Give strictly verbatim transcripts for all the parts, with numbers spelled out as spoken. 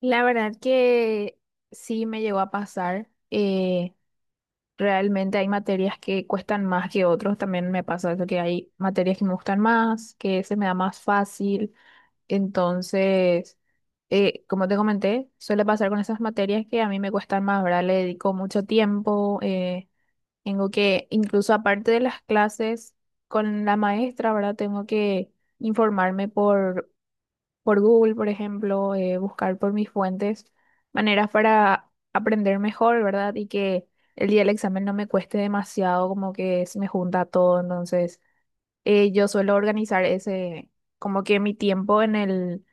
La verdad que sí me llegó a pasar. Eh, realmente hay materias que cuestan más que otros. También me pasa eso, que hay materias que me gustan más, que se me da más fácil. Entonces, eh, como te comenté, suele pasar con esas materias que a mí me cuestan más, ¿verdad? Le dedico mucho tiempo. Eh, tengo que, incluso aparte de las clases con la maestra, ¿verdad? Tengo que informarme por por Google, por ejemplo, eh, buscar por mis fuentes maneras para aprender mejor, ¿verdad? Y que el día del examen no me cueste demasiado, como que se me junta todo. Entonces, eh, yo suelo organizar ese, como que mi tiempo en el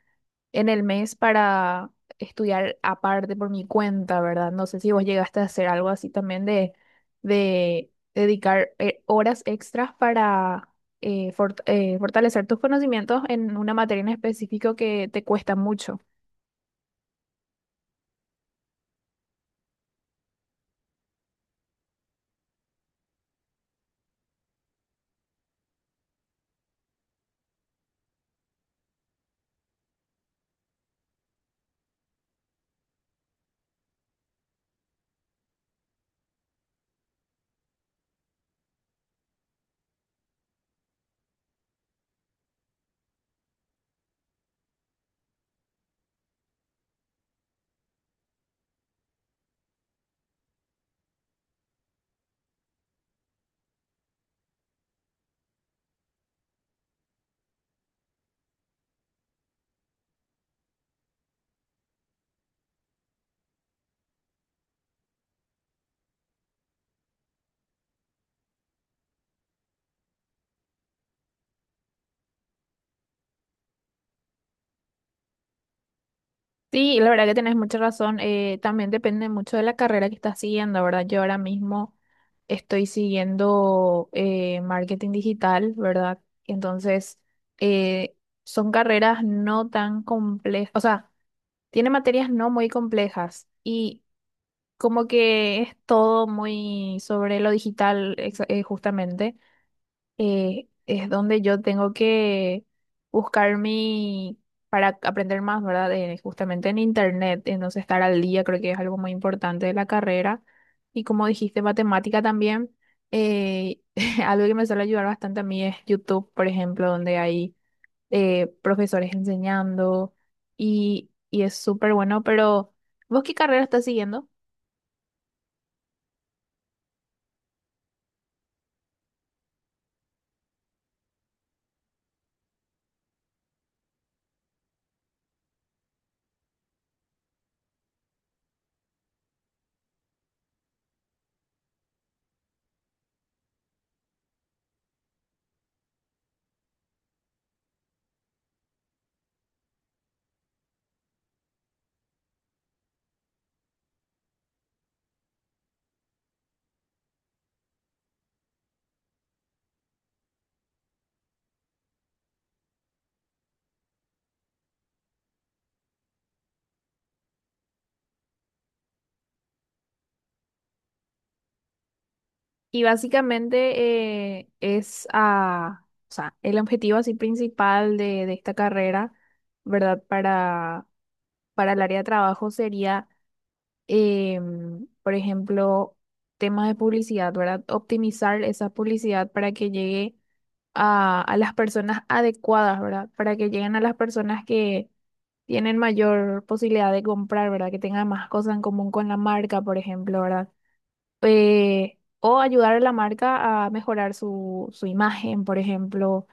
en el mes para estudiar aparte por mi cuenta, ¿verdad? No sé si vos llegaste a hacer algo así también de, de dedicar eh, horas extras para eh, fort- eh, fortalecer tus conocimientos en una materia en específico que te cuesta mucho. Sí, la verdad que tenés mucha razón. Eh, también depende mucho de la carrera que estás siguiendo, ¿verdad? Yo ahora mismo estoy siguiendo eh, marketing digital, ¿verdad? Entonces, eh, son carreras no tan complejas, o sea, tiene materias no muy complejas y como que es todo muy sobre lo digital, exa- eh, justamente eh, es donde yo tengo que buscar mi, para aprender más, ¿verdad? Eh, justamente en internet, entonces estar al día creo que es algo muy importante de la carrera. Y como dijiste, matemática también, eh, algo que me suele ayudar bastante a mí es YouTube, por ejemplo, donde hay eh, profesores enseñando y, y es súper bueno, pero ¿vos qué carrera estás siguiendo? Y básicamente eh, es a o sea, el objetivo así principal de, de esta carrera, ¿verdad? Para, para el área de trabajo sería, em, por ejemplo, temas de publicidad, ¿verdad? Optimizar esa publicidad para que llegue a, a las personas adecuadas, ¿verdad? Para que lleguen a las personas que tienen mayor posibilidad de comprar, ¿verdad? Que tengan más cosas en común con la marca, por ejemplo, ¿verdad? Eh, o ayudar a la marca a mejorar su, su imagen, por ejemplo.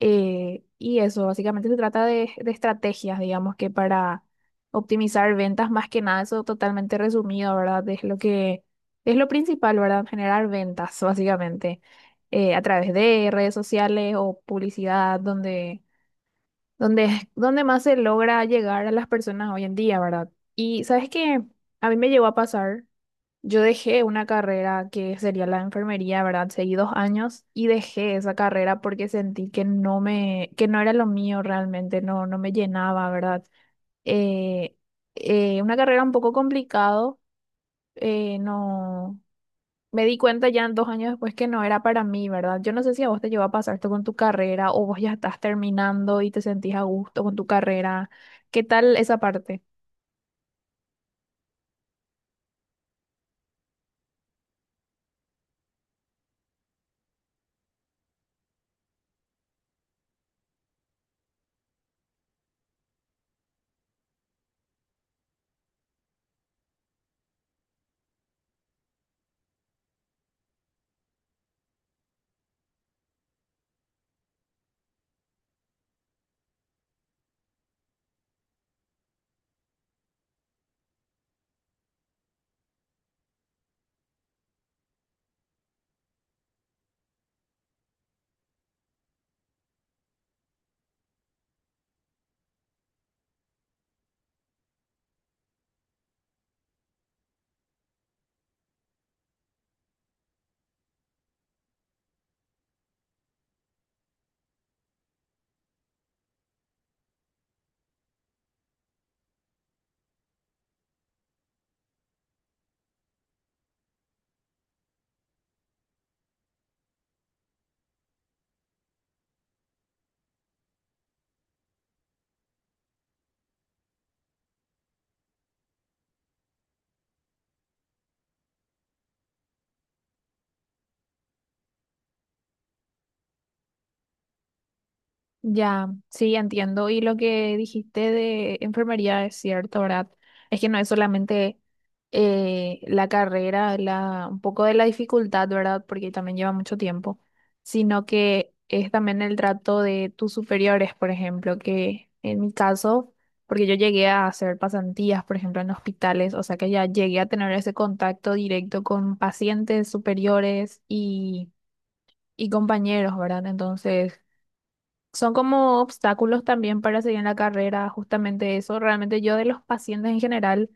eh, y eso, básicamente se trata de, de estrategias, digamos que para optimizar ventas, más que nada, eso totalmente resumido, ¿verdad? Es lo que es lo principal, ¿verdad? Generar ventas, básicamente, eh, a través de redes sociales o publicidad, donde, donde, donde más se logra llegar a las personas hoy en día, ¿verdad? Y sabes que a mí me llegó a pasar. Yo dejé una carrera que sería la enfermería, ¿verdad? Seguí dos años y dejé esa carrera porque sentí que no me, que no era lo mío realmente, no, no me llenaba, ¿verdad? Eh, eh, una carrera un poco complicado, eh, no, me di cuenta ya dos años después que no era para mí, ¿verdad? Yo no sé si a vos te llevó a pasar esto con tu carrera o vos ya estás terminando y te sentís a gusto con tu carrera. ¿Qué tal esa parte? Ya, sí, entiendo. Y lo que dijiste de enfermería es cierto, ¿verdad? Es que no es solamente eh, la carrera, la, un poco de la dificultad, ¿verdad? Porque también lleva mucho tiempo, sino que es también el trato de tus superiores, por ejemplo, que en mi caso, porque yo llegué a hacer pasantías, por ejemplo, en hospitales, o sea que ya llegué a tener ese contacto directo con pacientes superiores y, y compañeros, ¿verdad? Entonces, son como obstáculos también para seguir en la carrera, justamente eso. Realmente yo de los pacientes en general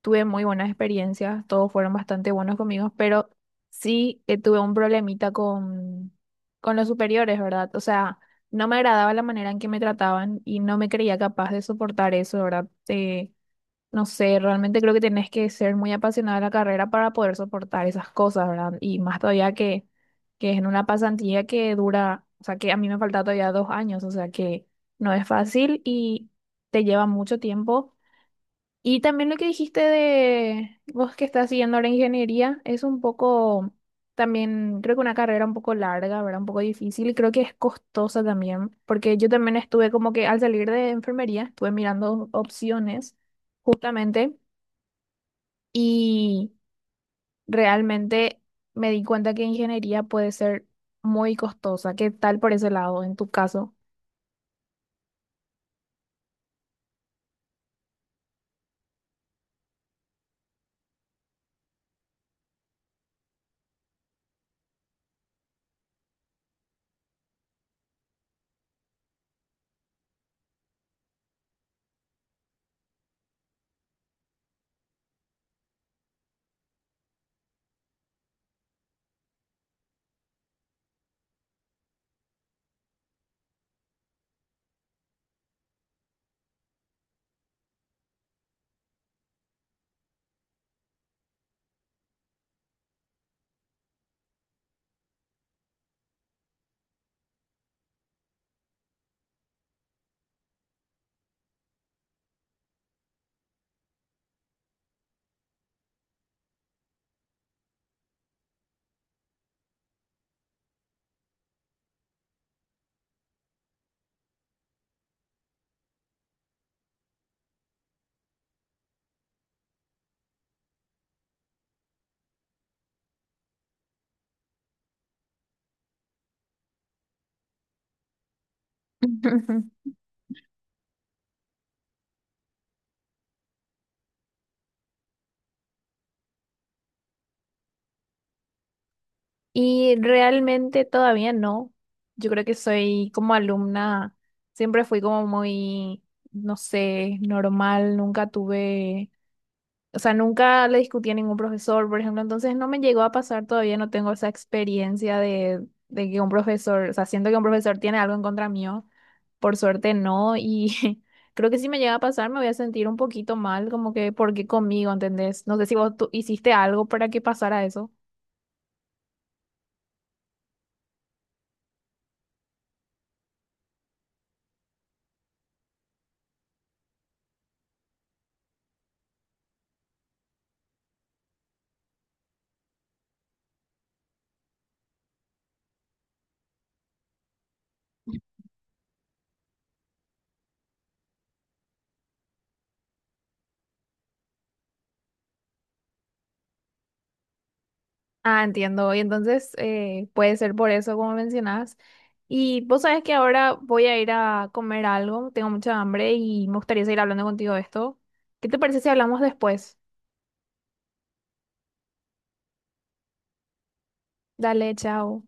tuve muy buenas experiencias, todos fueron bastante buenos conmigo, pero sí eh, tuve un problemita con, con los superiores, ¿verdad? O sea, no me agradaba la manera en que me trataban y no me creía capaz de soportar eso, ¿verdad? Eh, no sé, realmente creo que tenés que ser muy apasionada de la carrera para poder soportar esas cosas, ¿verdad? Y más todavía que, que es en una pasantía que dura, o sea, que a mí me falta todavía dos años, o sea, que no es fácil y te lleva mucho tiempo. Y también lo que dijiste de vos que estás siguiendo la ingeniería es un poco, también creo que una carrera un poco larga, ¿verdad? Un poco difícil y creo que es costosa también, porque yo también estuve como que al salir de enfermería, estuve mirando opciones justamente y realmente me di cuenta que ingeniería puede ser muy costosa. ¿Qué tal por ese lado en tu caso? Y realmente todavía no. Yo creo que soy como alumna, siempre fui como muy, no sé, normal, nunca tuve. O sea, nunca le discutí a ningún profesor, por ejemplo, entonces no me llegó a pasar todavía, no tengo esa experiencia de, de que un profesor, o sea, siento que un profesor tiene algo en contra mío, por suerte no, y creo que si me llega a pasar me voy a sentir un poquito mal, como que, ¿por qué conmigo? ¿Entendés? No sé si vos tú hiciste algo para que pasara eso. Ah, entiendo, y entonces eh, puede ser por eso, como mencionás. Y vos sabés que ahora voy a ir a comer algo, tengo mucha hambre y me gustaría seguir hablando contigo de esto. ¿Qué te parece si hablamos después? Dale, chao.